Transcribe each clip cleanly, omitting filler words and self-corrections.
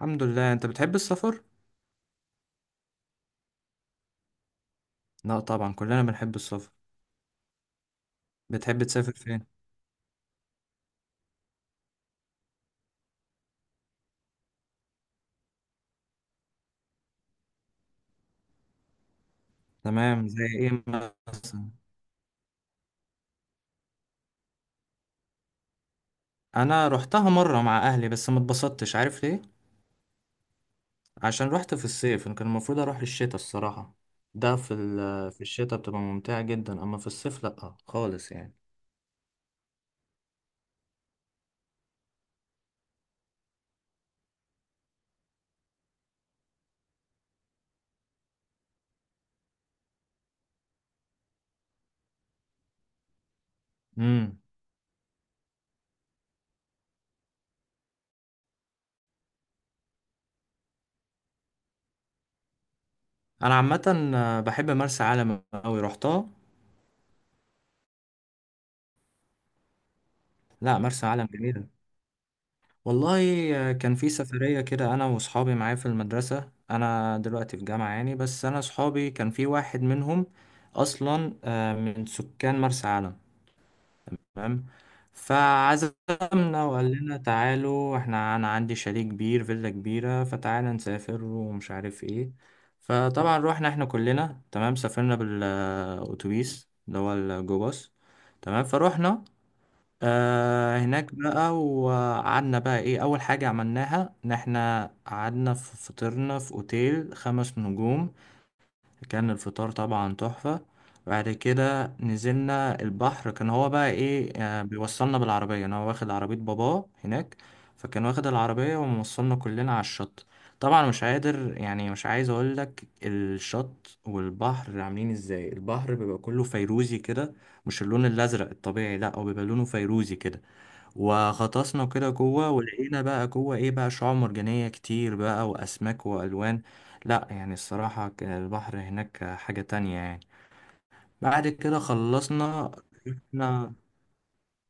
الحمد لله. انت بتحب السفر؟ لا طبعا، كلنا بنحب السفر. بتحب تسافر فين؟ تمام، زي ايه؟ مثلا. انا رحتها مره مع اهلي، بس ما اتبسطتش. عارف ليه؟ عشان رحت في الصيف، كان المفروض اروح الشتاء الصراحه. ده في في الشتاء بتبقى ممتعه جدا، اما في الصيف لا خالص يعني. امم. انا عامه بحب مرسى علم قوي، رحتها. لا، مرسى علم جميله. والله. كان في سفرية كده أنا وصحابي معايا في المدرسة، أنا دلوقتي في جامعة يعني، بس أنا صحابي كان في واحد منهم أصلا من سكان مرسى علم. تمام. فعزمنا وقال لنا تعالوا، احنا أنا عندي شاليه كبير، فيلا كبيرة، فتعالى نسافر ومش عارف ايه. فطبعا روحنا احنا كلنا. تمام، سافرنا بالأتوبيس اللي هو الجو باص. تمام فروحنا. هناك بقى، وقعدنا بقى ايه، اول حاجة عملناها ان احنا قعدنا في فطرنا في اوتيل خمس نجوم. كان الفطار طبعا تحفة. بعد كده نزلنا البحر، كان هو بقى ايه بيوصلنا بالعربية، انا واخد عربية باباه هناك. فكان واخد العربية وموصلنا كلنا على الشط. طبعا مش قادر يعني مش عايز اقول لك الشط والبحر عاملين ازاي. البحر بيبقى كله فيروزي كده، مش اللون الازرق الطبيعي، لا هو بيبقى لونه فيروزي كده. وغطسنا كده جوه، ولقينا بقى جوه ايه بقى شعاب مرجانية كتير بقى، واسماك والوان. لا يعني الصراحة كان البحر هناك حاجة تانية يعني. بعد كده خلصنا. رحنا.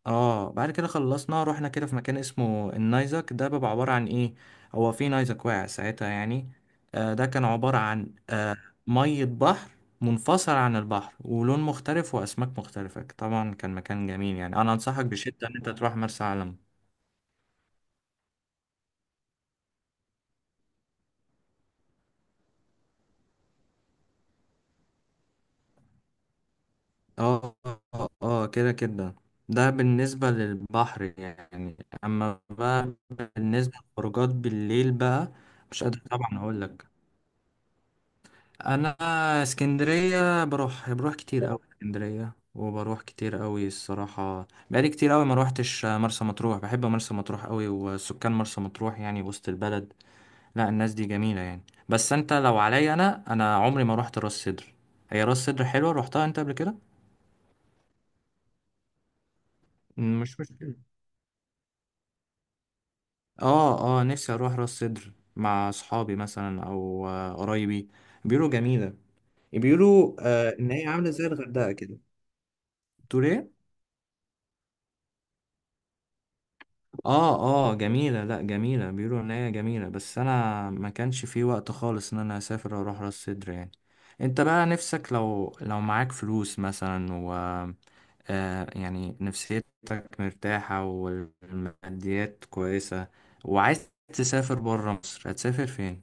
كده في مكان اسمه النايزك. ده بيبقى عبارة عن ايه، هو في نايزك واقع ساعتها يعني. ده كان عبارة عن مية بحر منفصل عن البحر، ولون مختلف، واسماك مختلفة. طبعا كان مكان جميل يعني، انا انصحك بشدة ان انت تروح مرسى علم. اه. اه كده كده. ده بالنسبة للبحر يعني. اما بقى بالنسبة للخروجات بالليل بقى، مش قادر طبعا اقول لك. انا اسكندرية بروح كتير قوي اسكندرية، وبروح كتير قوي الصراحة. بقالي كتير قوي ما روحتش مرسى مطروح. بحب مرسى مطروح قوي، وسكان مرسى مطروح يعني وسط البلد. لا الناس دي جميلة يعني، بس انت لو عليا انا عمري ما روحت راس سدر. هي راس سدر حلوة؟ روحتها انت قبل كده؟ مش مشكلة. اه اه، نفسي اروح راس سدر مع اصحابي مثلا، او قرايبي. بيقولوا جميله. بيقولوا ان هي عامله زي الغردقه كده. تقول ايه؟ اه اه جميله، لا جميله، بيقولوا ان هي جميله، بس انا ما كانش في وقت خالص ان انا اسافر واروح راس سدر يعني. انت بقى نفسك، لو معاك فلوس مثلا، و يعني نفسيتك مرتاحه والماديات كويسه، وعايز تسافر بره مصر، هتسافر فين؟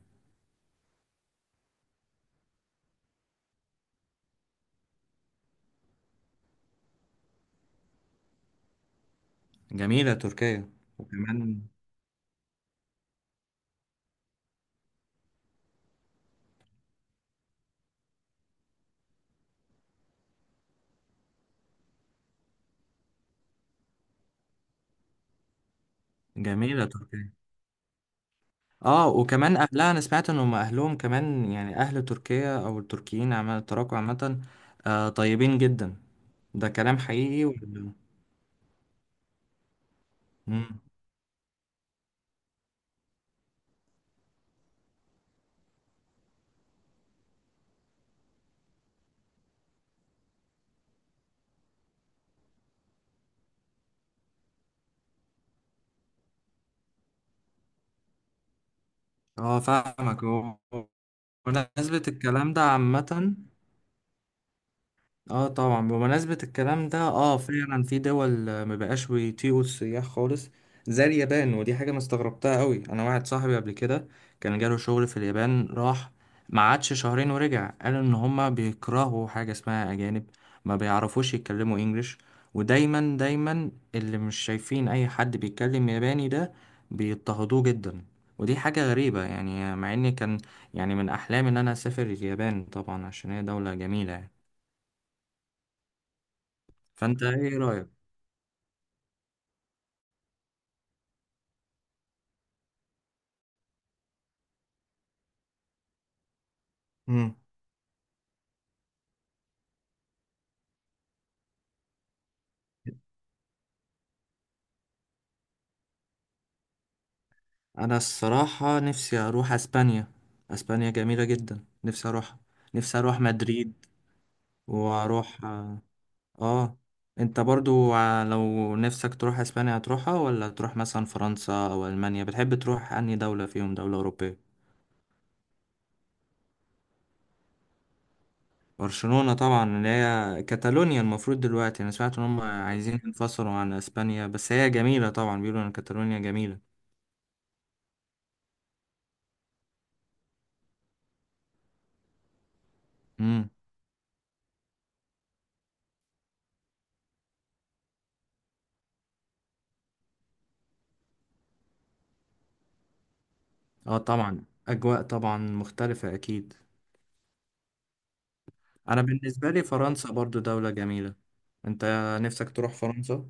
جميلة تركيا. وكمان. جميلة تركيا. اه وكمان اهلها، انا سمعت ان هم اهلهم كمان يعني، اهل تركيا او التركيين عامة، التراكو عامة، طيبين جدا. ده كلام حقيقي ولا؟ مم. اه فاهمك. ونسبة الكلام ده عامة؟ اه طبعا. بمناسبة الكلام ده، اه فعلا في دول مبقاش بيطيقوا السياح خالص، زي اليابان. ودي حاجة انا استغربتها قوي. انا واحد صاحبي قبل كده كان جاله شغل في اليابان، راح ما قعدش شهرين ورجع. قال ان هما بيكرهوا حاجة اسمها اجانب. ما بيعرفوش يتكلموا انجليش. ودايما دايما اللي مش شايفين اي حد بيتكلم ياباني ده بيضطهدوه جدا. ودي حاجة غريبة يعني، مع اني كان يعني من احلامي ان انا اسافر اليابان، طبعا عشان هي دولة جميلة يعني. فانت ايه رأيك؟ امم. انا الصراحة نفسي اروح اسبانيا. اسبانيا جميلة جدا، نفسي اروح. نفسي اروح مدريد. واروح اه آه. انت برضو لو نفسك تروح اسبانيا هتروحها، ولا تروح مثلا فرنسا او المانيا؟ بتحب تروح انهي دولة فيهم، دولة اوروبية؟ برشلونة طبعا، اللي هي كاتالونيا. المفروض دلوقتي انا سمعت ان هم عايزين ينفصلوا عن اسبانيا، بس هي جميلة طبعا، بيقولوا ان كاتالونيا جميلة. امم. اه طبعا اجواء طبعا مختلفة اكيد. انا بالنسبه لي فرنسا برضو دوله جميله. انت نفسك تروح فرنسا؟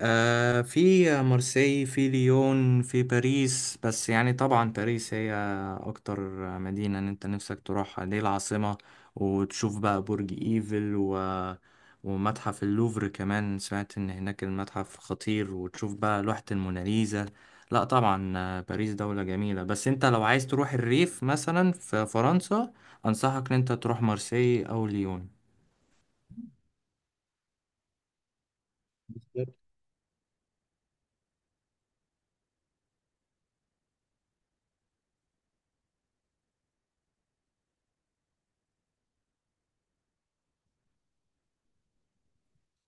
في مارسي، في ليون، في باريس، بس يعني طبعا باريس هي اكتر مدينة ان انت نفسك تروحها، دي العاصمة. وتشوف بقى برج ايفل، و... ومتحف اللوفر كمان. سمعت ان هناك المتحف خطير، وتشوف بقى لوحة الموناليزا. لا طبعا، باريس دولة جميلة، بس انت لو عايز تروح الريف مثلا في فرنسا، انصحك ان انت تروح مارسي او ليون.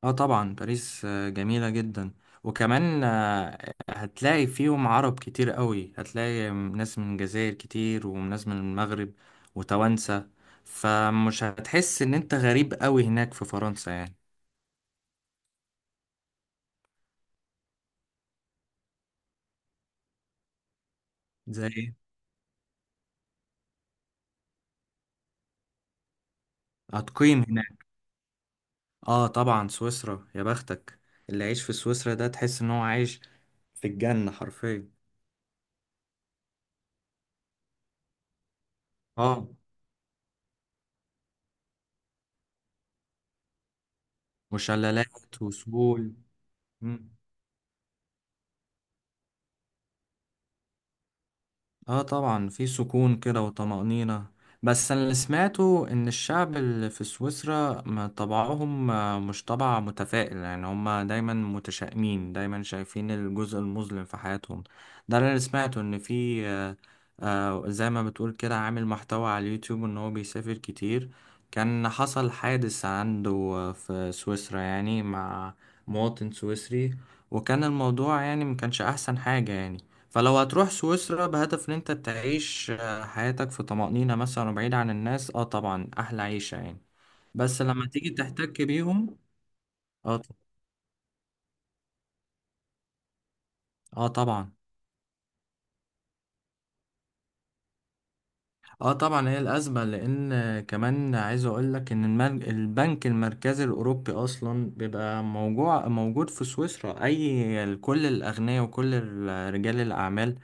اه طبعا باريس جميلة جدا. وكمان هتلاقي فيهم عرب كتير قوي، هتلاقي ناس من الجزائر كتير، وناس من المغرب، وتوانسة. فمش هتحس ان انت غريب قوي هناك في فرنسا يعني. زي ايه؟ هتقيم هناك؟ اه طبعا سويسرا يا بختك، اللي عايش في سويسرا ده تحس ان هو عايش في الجنة حرفيا. اه، وشلالات وسهول. مم. اه طبعا في سكون كده وطمأنينة. بس انا اللي سمعته ان الشعب اللي في سويسرا ما طبعهم مش طبع متفائل يعني. هم دايما متشائمين، دايما شايفين الجزء المظلم في حياتهم. ده اللي أنا سمعته ان في زي ما بتقول كده عامل محتوى على اليوتيوب ان هو بيسافر كتير، كان حصل حادث عنده في سويسرا، يعني مع مواطن سويسري، وكان الموضوع يعني ما كانش احسن حاجة يعني. فلو هتروح سويسرا بهدف ان انت تعيش حياتك في طمأنينة مثلا، وبعيد عن الناس، اه طبعا احلى عيشة يعني، بس لما تيجي تحتك بيهم. اه ط- اه طبعا. اه طبعا هي الازمة، لان كمان عايز اقول لك ان البنك المركزي الاوروبي اصلا بيبقى موجود في سويسرا. اي كل الاغنياء وكل رجال الاعمال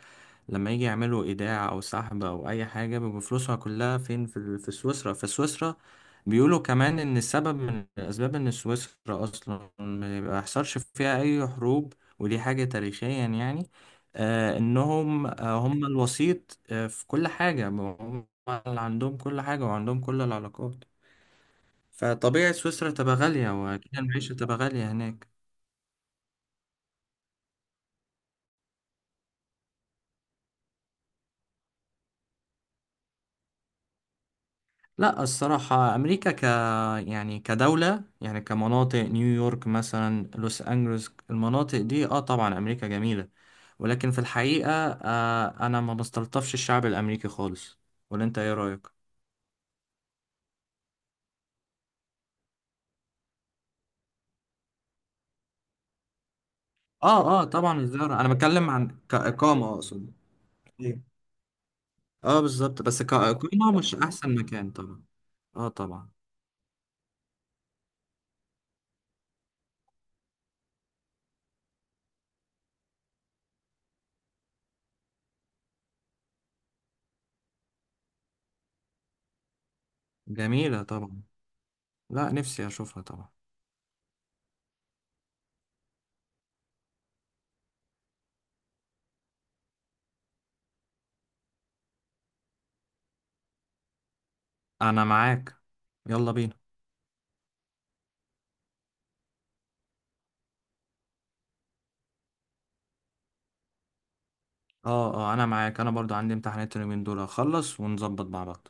لما يجي يعملوا ايداع او سحب او اي حاجه، بيبقى فلوسها كلها فين، في في سويسرا. فسويسرا بيقولوا كمان ان السبب من الاسباب ان سويسرا اصلا ما بيحصلش فيها اي حروب، ودي حاجه تاريخيا يعني. انهم هم الوسيط في كل حاجه، هم اللي عندهم كل حاجه، وعندهم كل العلاقات. فطبيعي سويسرا تبقى غاليه، واكيد المعيشه تبقى غاليه هناك. لا الصراحة أمريكا يعني كدولة، يعني كمناطق، نيويورك مثلا، لوس أنجلوس، المناطق دي اه طبعا أمريكا جميلة. ولكن في الحقيقة أنا ما بستلطفش الشعب الأمريكي خالص. ولا أنت إيه رأيك؟ اه اه طبعا الزيارة، أنا بتكلم عن كإقامة أقصد. إيه. اه بالظبط، بس كإقامة مش أحسن مكان طبعا. اه طبعا. جميلة طبعا. لا نفسي أشوفها طبعا. أنا معاك. يلا بينا. اه اه انا معاك، انا برضو عندي امتحانات اليومين دول، اخلص ونظبط مع بعض.